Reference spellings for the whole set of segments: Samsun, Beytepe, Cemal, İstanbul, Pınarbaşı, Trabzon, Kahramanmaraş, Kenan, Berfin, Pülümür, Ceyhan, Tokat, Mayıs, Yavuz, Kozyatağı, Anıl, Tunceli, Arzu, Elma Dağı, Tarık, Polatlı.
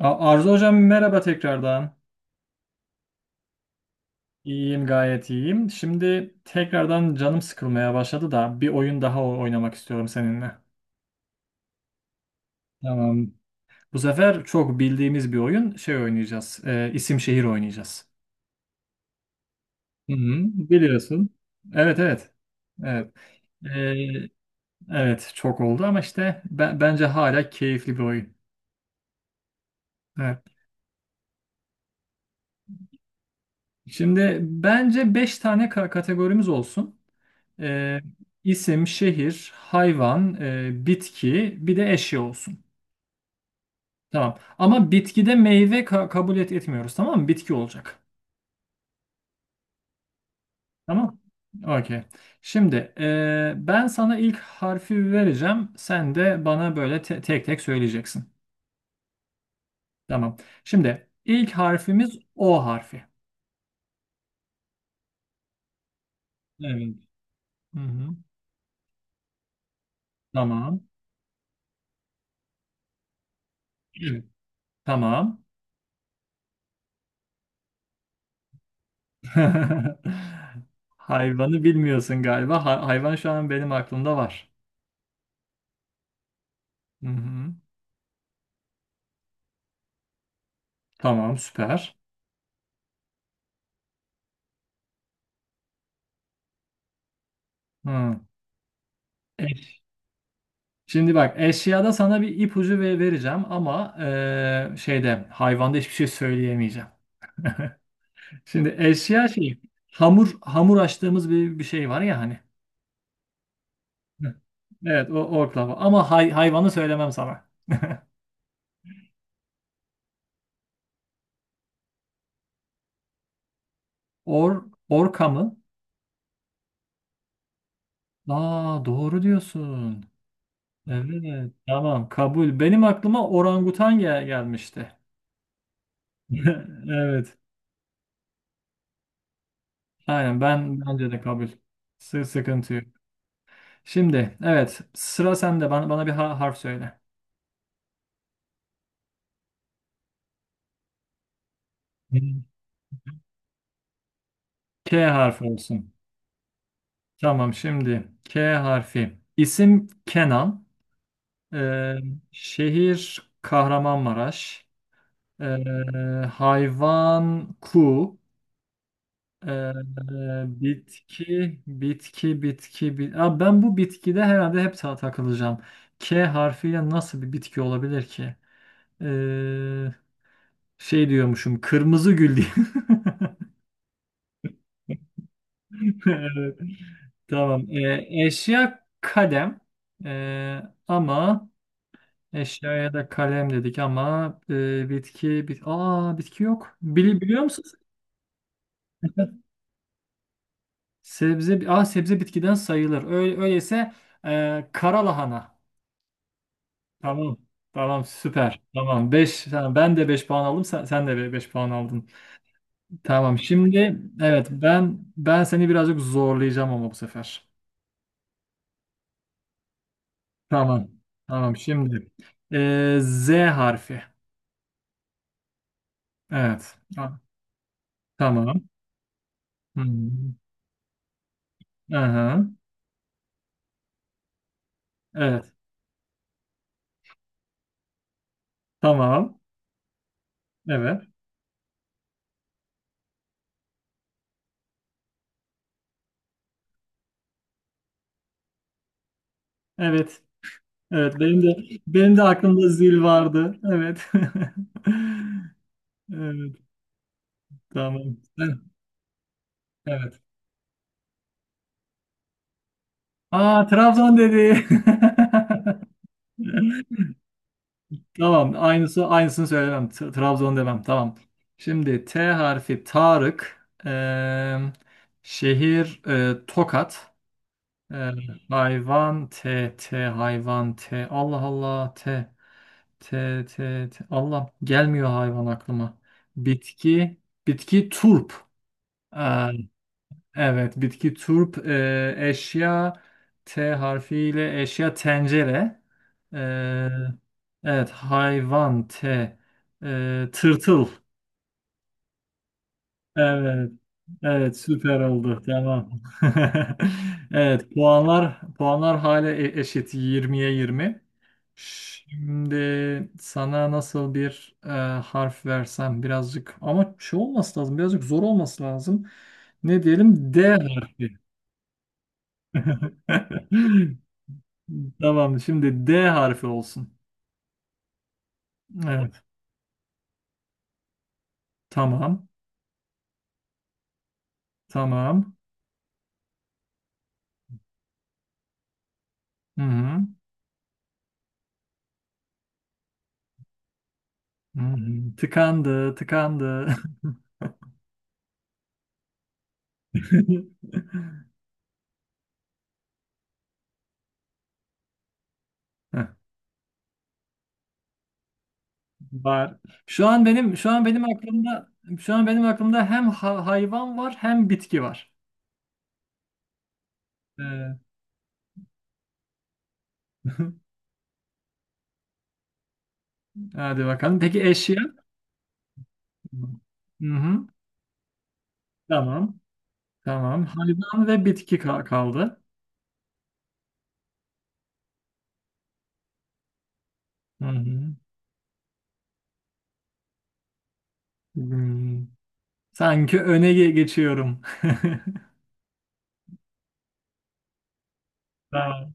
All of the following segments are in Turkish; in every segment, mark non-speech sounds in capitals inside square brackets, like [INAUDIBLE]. Arzu hocam merhaba tekrardan. İyiyim, gayet iyiyim. Şimdi tekrardan canım sıkılmaya başladı da bir oyun daha oynamak istiyorum seninle. Tamam. Bu sefer çok bildiğimiz bir oyun oynayacağız. İsim şehir oynayacağız. Hı hı, biliyorsun. Evet, evet. Evet. E, evet çok oldu ama işte bence hala keyifli bir oyun. Evet. Şimdi bence 5 tane kategorimiz olsun. Ee, isim, şehir, hayvan, bitki, bir de eşya olsun. Tamam. Ama bitkide meyve kabul etmiyoruz, tamam mı? Bitki olacak. Tamam. Okey. Şimdi ben sana ilk harfi vereceğim. Sen de bana böyle tek tek söyleyeceksin. Tamam. Şimdi ilk harfimiz O harfi. Evet. Hı hı. Tamam. Evet. Tamam. [LAUGHS] Hayvanı bilmiyorsun galiba. Hayvan şu an benim aklımda var. Hı hı. Tamam, süper. Hı. Eş- Şimdi bak, eşyada sana bir ipucu vereceğim ama hayvanda hiçbir şey söyleyemeyeceğim. Şimdi eşya hamur açtığımız bir şey var ya hani. Hı. Evet, o orklava ama hayvanı söylemem sana. Orka mı? Aa, doğru diyorsun. Evet, tamam, kabul. Benim aklıma orangutan gelmişti. [LAUGHS] Evet, aynen, ben bence de kabul. Sıkıntı yok. Şimdi, evet, sıra sende, bana bir harf söyle. Hmm. K harfi olsun. Tamam, şimdi K harfi. İsim Kenan. Ee, Şehir Kahramanmaraş. Ee, Hayvan ku. Ee, Bitki, bitki bitki bit aa, ben bu bitkide herhalde hep takılacağım. K harfiyle nasıl bir bitki olabilir ki? Ee, Şey diyormuşum, kırmızı gül diye. [LAUGHS] Tamam. Eşya kalem. Ee, ama eşyaya da kalem dedik ama bitki bit aa, bitki yok. Biliyor musun? Sebze, aa, sebze bitkiden sayılır. Öyleyse kara lahana. Tamam. Tamam, süper. Tamam, 5 tamam, ben de 5 puan aldım. Sen de 5 puan aldın. Tamam. Şimdi, evet, ben seni birazcık zorlayacağım ama bu sefer. Tamam. Tamam şimdi. Z harfi. Evet. Tamam. Hmm. Aha. Evet. Tamam. Evet. Evet. Evet. Benim de aklımda zil vardı. Evet. [LAUGHS] Evet. Tamam. Evet. Aa, Trabzon dedi. [LAUGHS] Tamam. Aynısını söylemem. Trabzon demem. Tamam. Şimdi T harfi Tarık. Şehir Tokat. Eee, hayvan T T hayvan T. Allah Allah T. T, Allah gelmiyor hayvan aklıma. Bitki, Bitki turp. Aa, evet, bitki turp. Eşya, T harfiyle eşya tencere. Ee, evet, hayvan T. Tırtıl. Evet. Evet, süper oldu. Tamam. [LAUGHS] Evet, puanlar hala eşit, yirmiye 20. Şimdi sana nasıl bir harf versem, birazcık ama şey olması lazım. Birazcık zor olması lazım. Ne diyelim? D harfi. [LAUGHS] Tamam, şimdi D harfi olsun. Evet. Tamam. Tamam. Hı hı. Hı hı. Tıkandı. [LAUGHS] Heh. Var. Şu an benim aklımda şu an benim aklımda hem hayvan var, hem bitki var. Ee, [LAUGHS] Hadi bakalım. Peki eşya? Hı-hı. Tamam. Tamam. Hayvan ve bitki kaldı. Hı-hı. Hmm. Sanki öne geçiyorum. [LAUGHS] Tamam.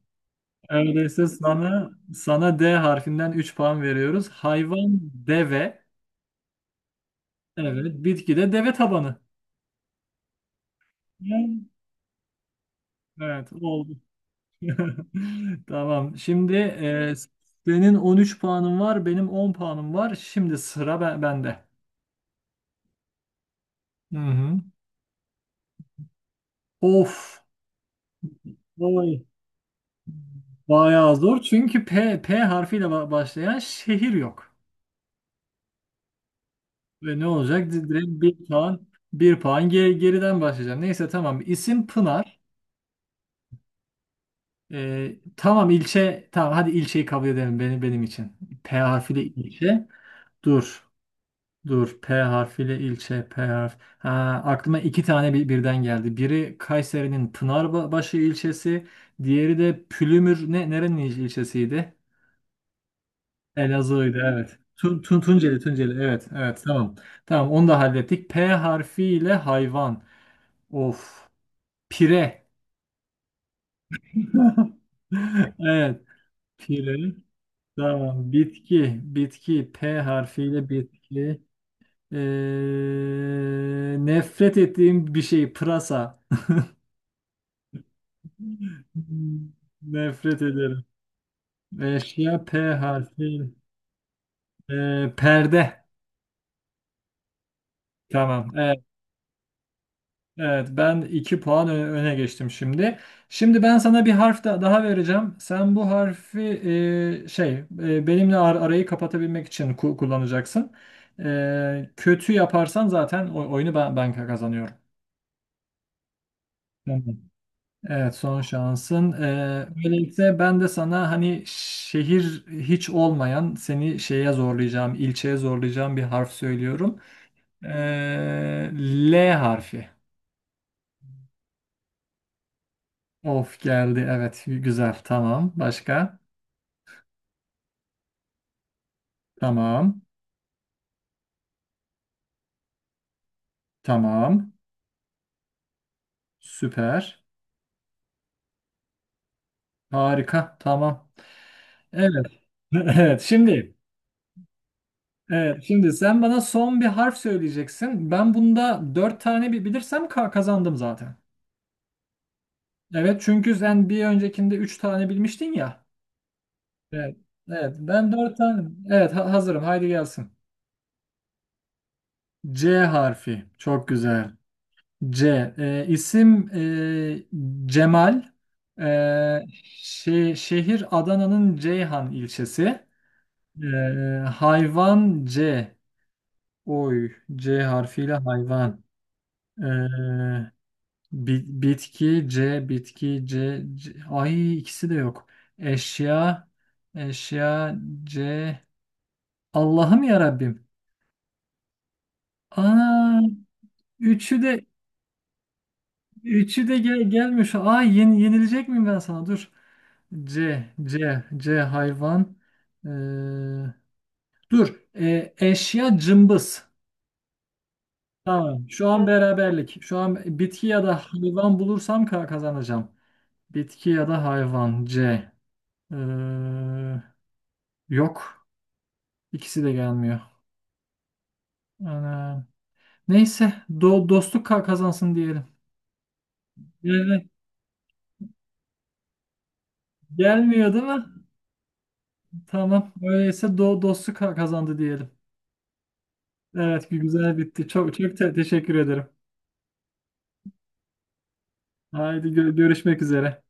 Öyleyse sana D harfinden 3 puan veriyoruz. Hayvan deve. Evet. Bitki de deve tabanı. Evet. Evet. Oldu. [LAUGHS] Tamam. Şimdi senin 13 puanın var, benim 10 puanım var. Şimdi sıra bende. Hı hı. Of. Vay. Bayağı zor, çünkü P harfiyle başlayan şehir yok. Ve ne olacak? Direkt bir puan, bir puan geriden başlayacağım. Neyse, tamam. İsim Pınar. E, tamam, ilçe. Tamam, hadi ilçeyi kabul edelim benim için. P harfiyle ilçe. Dur. Dur, P harfiyle ilçe, P harf. Ha, aklıma iki tane birden geldi. Biri Kayseri'nin Pınarbaşı ilçesi, diğeri de Pülümür nerenin ilçesiydi? Elazığ'ydı, evet. Tunceli, Tunceli, evet, evet, tamam. Tamam, onu da hallettik. P harfiyle hayvan. Of, pire. [LAUGHS] Evet, pire. Tamam, bitki, P harfiyle bitki. Ee, Nefret ettiğim bir şey, pırasa. Nefret ederim. Eşya P harfi. Perde. Tamam. Evet, evet. Ben iki puan öne geçtim şimdi. Şimdi ben sana bir harf daha vereceğim. Sen bu harfi e, şey benimle arayı kapatabilmek için kullanacaksın. E, kötü yaparsan zaten oyunu ben kazanıyorum. Evet, son şansın. Böylelikle ben de sana, hani şehir hiç olmayan, seni şeye zorlayacağım, ilçeye zorlayacağım bir harf söylüyorum. Ee, L harfi. Of, geldi, evet, güzel, tamam. Başka? Tamam. Tamam. Süper. Harika, tamam. Evet. [LAUGHS] Evet şimdi. Evet, şimdi sen bana son bir harf söyleyeceksin. Ben bunda dört tane bilirsem kazandım zaten. Evet, çünkü sen bir öncekinde 3 tane bilmiştin ya. Evet. Evet, ben 4 tane. Evet, hazırım, haydi gelsin. C harfi çok güzel. İsim Cemal. E, şehir Adana'nın Ceyhan ilçesi. E, Hayvan C. Oy, C harfiyle hayvan. E, Bitki C, bitki C, C. Ay, ikisi de yok. Eşya, Eşya C. Allah'ım ya Rabbim. Aa, üçü de üçü de gelmiyor şu. Ay, yenilecek miyim ben sana? Dur. C, C hayvan. Ee, Dur. Eşya cımbız. Tamam. Şu an beraberlik. Şu an bitki ya da hayvan bulursam kazanacağım. Bitki ya da hayvan C. Ee, Yok. İkisi de gelmiyor. Ana. Neyse. Dostluk kazansın diyelim. Yani gelmiyor, değil mi? Tamam. Öyleyse dostluk kazandı diyelim. Evet, güzel bitti. Çok çok teşekkür ederim. Haydi görüşmek üzere.